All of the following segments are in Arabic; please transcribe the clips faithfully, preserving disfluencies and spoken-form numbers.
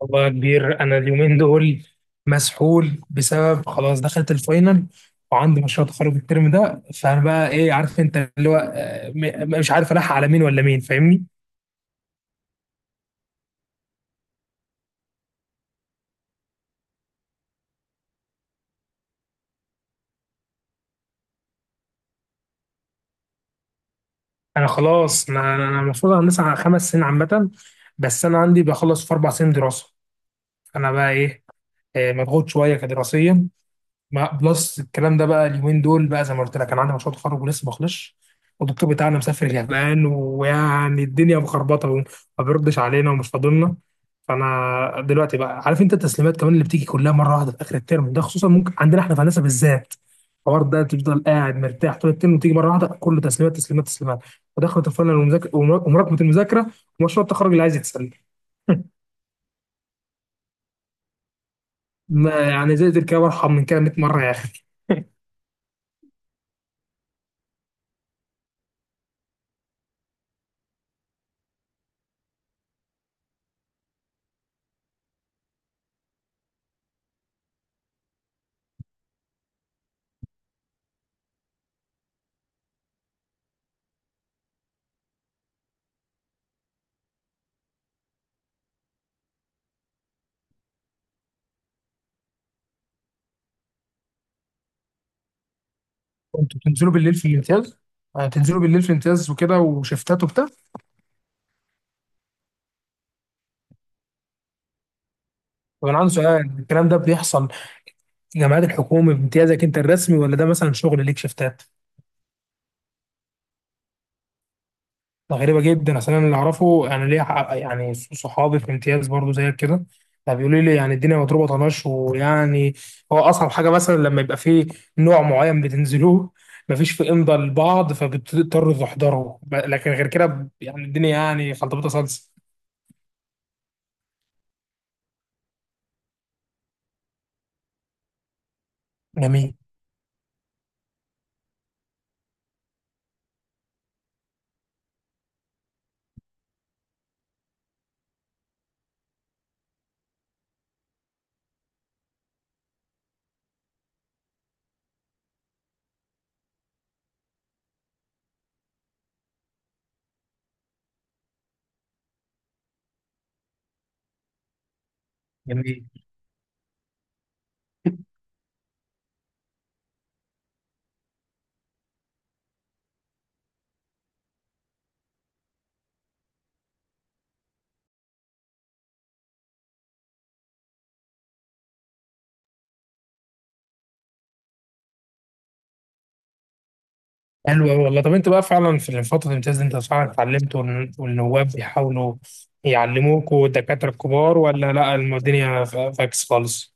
والله يا كبير انا اليومين دول مسحول بسبب خلاص دخلت الفاينل وعندي مشروع تخرج الترم ده. فانا بقى ايه عارف انت اللي هو آه، م- مش عارف الحق على مين ولا مين فاهمني. انا خلاص انا أنا المفروض هندسه على خمس سنين عامه، بس انا عندي بخلص في اربع سنين دراسه. انا بقى ايه آه، مضغوط شويه كدراسيا. مع بلس الكلام ده بقى اليومين دول بقى زي ما قلت لك انا عندي مشروع تخرج ولسه ما خلصش، والدكتور بتاعنا مسافر اليابان ويعني الدنيا مخربطه وما بيردش علينا ومش فاضلنا. فانا دلوقتي بقى عارف انت التسليمات كمان اللي بتيجي كلها مره واحده في اخر الترم ده، خصوصا ممكن عندنا احنا في هندسه بالذات الحوار ده تفضل قاعد مرتاح طول الترم وتيجي مره واحده كله تسليمات تسليمات تسليمات. ودخلت الفاينل ومذاكر- ومراكمه المذاكره ومشروع التخرج اللي عايز يتسلم. ما- يعني زي الكلام ارحم من كده ميه مره يا اخي. كنتوا بتنزلوا بالليل في الامتياز؟ آه، تنزلوا بالليل في الامتياز وكده وشفتات وبتاع؟ طب انا عندي سؤال، الكلام ده بيحصل في جامعات الحكومه بامتيازك انت الرسمي ولا ده مثلا شغل ليك شفتات؟ ده غريبه جدا، اصل انا اللي اعرفه انا ليا ح- يعني صحابي في امتياز برضو زيك كده، يعني بيقولوا لي يعني الدنيا مضروبه طناش ويعني هو اصعب حاجه مثلا لما يبقى فيه نوع معين بتنزلوه مفيش في امضاء لبعض فبتضطروا تحضروا ب- لكن غير كده ب- يعني الدنيا يعني خلطبيطه صلصه. جميل. جميل. حلو أوي والله. طب أنت بقى فعلا في فترة الامتياز دي أنت فعلا اتعلمت وال- والنواب بيحاولوا يعلموكوا الدكاترة الكبار ولا لا الم- الدنيا ف- فاكس خالص؟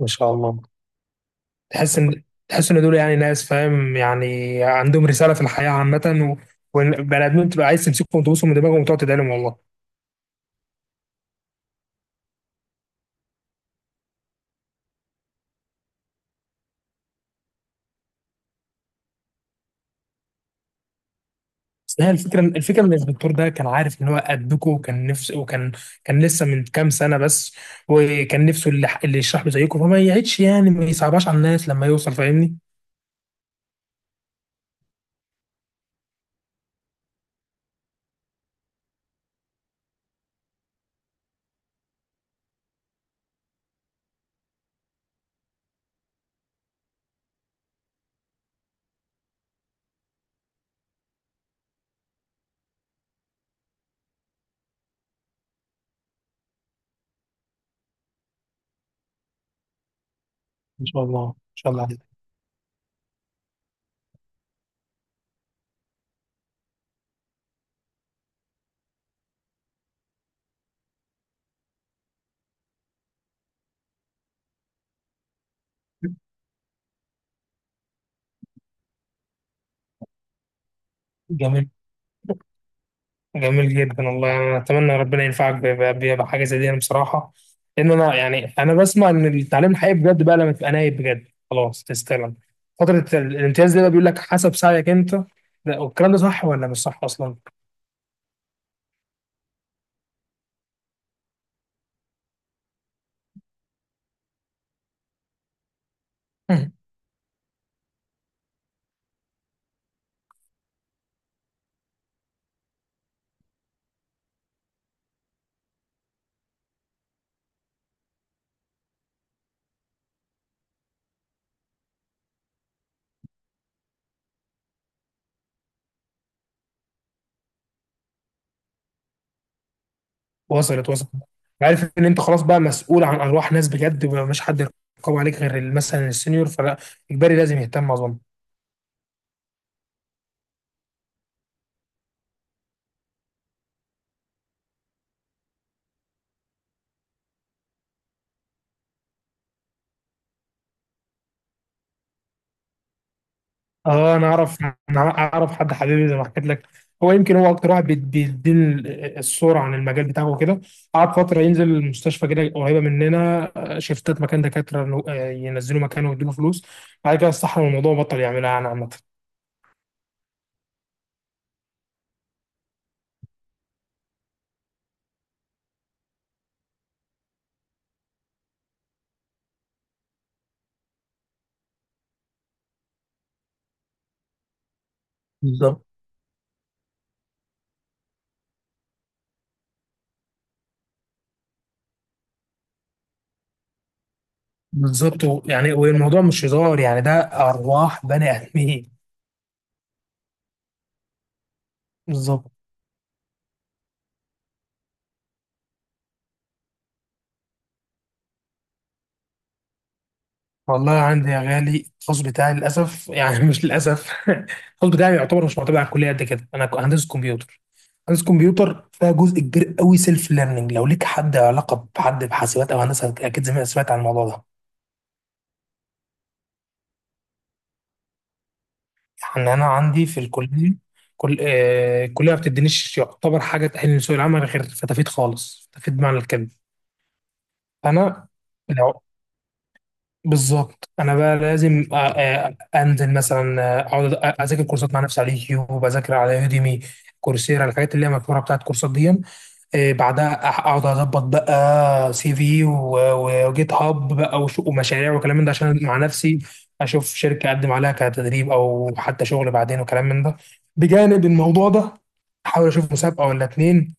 ما شاء الله. تحس إن تحس إن دول يعني ناس فاهم يعني عندهم رسالة في الحياة عامة، و- والبني آدمين تبقى عايز تمسكهم وتبوسهم من دماغهم وتقعد تدعيلهم والله. بس هي الفكرة، الفكرة إن الدكتور ده كان عارف إن هو قدكوا وكان نفسه، وكان كان لسه من كام سنة بس، وكان نفسه اللي اللي يشرح له زيكم فما يعيدش، يعني ما يصعبهاش على الناس لما يوصل فاهمني. ان شاء الله ان شاء الله عليك. جميل. جميل جدا والله. يعني انا اتمنى ربنا ينفعك ب- ب- ب- بحاجه زي دي. انا بصراحه لان انا يعني انا بسمع ان التعليم الحقيقي بجد بقى لما تبقى نايب بجد خلاص تستلم. فتره ال- الامتياز دي بقى بيقول لك حسب سعيك انت، لا والكلام ده صح ولا مش صح اصلا؟ مم. وصلت وصلت. عارف ان انت خلاص بقى مسؤول عن ارواح ناس بجد ومش حد يرقب عليك غير مثلا السنيور فلا اجباري لازم يهتم اظن. اه انا اعرف. انا اعرف حد حبيبي زي ما حكيت لك، هو يمكن هو اكتر واحد بيد- بيديني ال- الصوره عن المجال بتاعه وكده. قعد فتره ينزل المستشفى كده قريبه مننا، آه، شيفتات مكان دكاتره إنه، آه، ينزلوا مكانه ويديله فلوس. بعد كده استحرم الموضوع بطل يعملها يعني عامه. بالظبط بالظبط. و- يعني والموضوع مش هزار يعني ده ارواح بني ادمين. بالظبط. والله عندي يا غالي التخصص بتاعي للاسف يعني مش للاسف التخصص بتاعي يعتبر مش معتمد على الكليه قد كده. انا ك- هندسه كمبيوتر. هندسه كمبيوتر فيها جزء كبير قوي سيلف ليرنينج، لو ليك حد علاقه بحد بحاسبات او هندسه اكيد زمان سمعت عن الموضوع ده. يعني انا عندي في الكليه كل آه الكليه ما بتدينيش يعتبر حاجه تاهلني لسوق العمل غير فتافيت خالص، فتافيت بمعنى الكلمه. انا بالظبط انا بقى لازم أ- أ- انزل مثلا آه، اقعد أ- اذاكر كورسات مع نفسي على اليوتيوب، اذاكر على يوديمي، كورسيرا، الحاجات اللي هي مشهوره بتاعت كورسات دي. إيه، بعدها أح- اقعد اظبط بقى سي في و- وجيت هاب بقى وش- ومشاريع وكلام من ده، عشان مع نفسي اشوف شركه اقدم عليها كتدريب او حتى شغل بعدين وكلام من ده. بجانب الموضوع ده احاول اشوف مسابقه ولا اتنين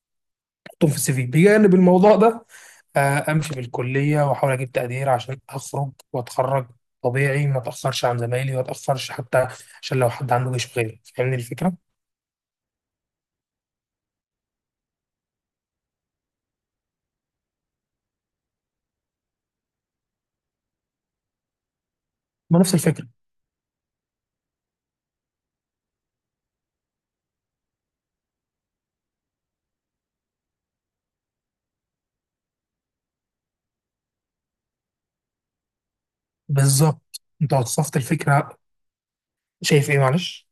احطهم في السي في. بجانب الموضوع ده آه، امشي بالكليه واحاول اجيب تقدير عشان اخرج واتخرج طبيعي، ما اتاخرش عن زمايلي، ما اتاخرش حتى عشان لو حد عنده جيش غيري فاهمني الفكره. ما نفس الفكره. بالظبط انت وصفت الفكره. شايف ايه معلش؟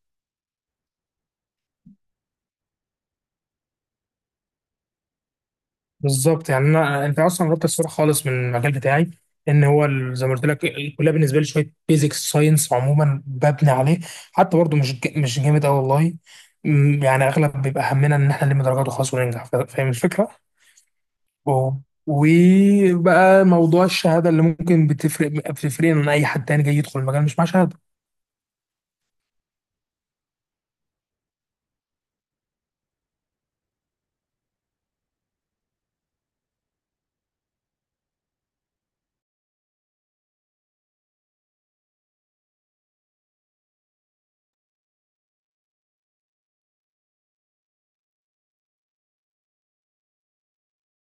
بالظبط يعني انا انت اصلا قربت الصوره خالص من المجال بتاعي، ان هو ال- زي ما قلت لك الكليه بالنسبه لي شويه بيزكس ساينس عموما ببني عليه، حتى برضو مش ج- مش جامد قوي والله. أمم، يعني اغلب بيبقى همنا ان احنا نلم درجات وخلاص وننجح فا- فاهم الفكره. اه. وبقى موضوع الشهاده اللي ممكن بتفرق بتفرقنا عن اي حد تاني جاي يدخل المجال مش مع شهاده.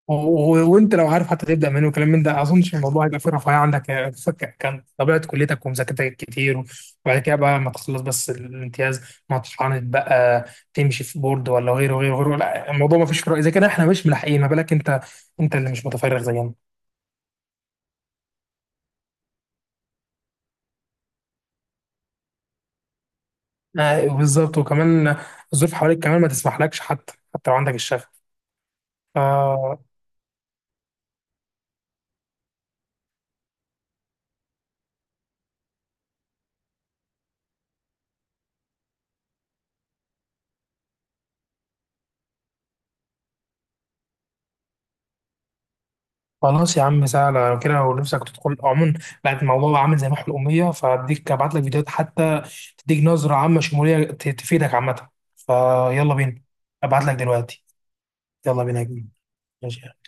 و- و- وانت لو عارف حتى تبدا منين وكلام من ده ما اظنش الموضوع هيبقى فيه رفاهيه عندك، يعني فك- كان طبيعه كليتك ومذاكرتك كتير، وبعد كده بقى ما تخلص بس الامتياز ما تتعاند بقى، تمشي في بورد ولا غيره غيره غيره. لا الموضوع ما فيش فرق، اذا كده احنا مش ملاحقين ما بالك انت، انت اللي مش متفرغ زينا. آه، بالظبط. وكمان الظروف حواليك كمان ما تسمحلكش حتى حتى لو عندك الشغف. خلاص يا عم سهلة. لو كده لو نفسك تدخل عموما بعد الموضوع عامل زي ما احنا الأمية، فأديك أبعت لك فيديوهات حتى تديك نظرة عامة شمولية ت- تفيدك عامة. فيلا بينا. أبعت لك دلوقتي. يلا بينا يا كبير. ماشي.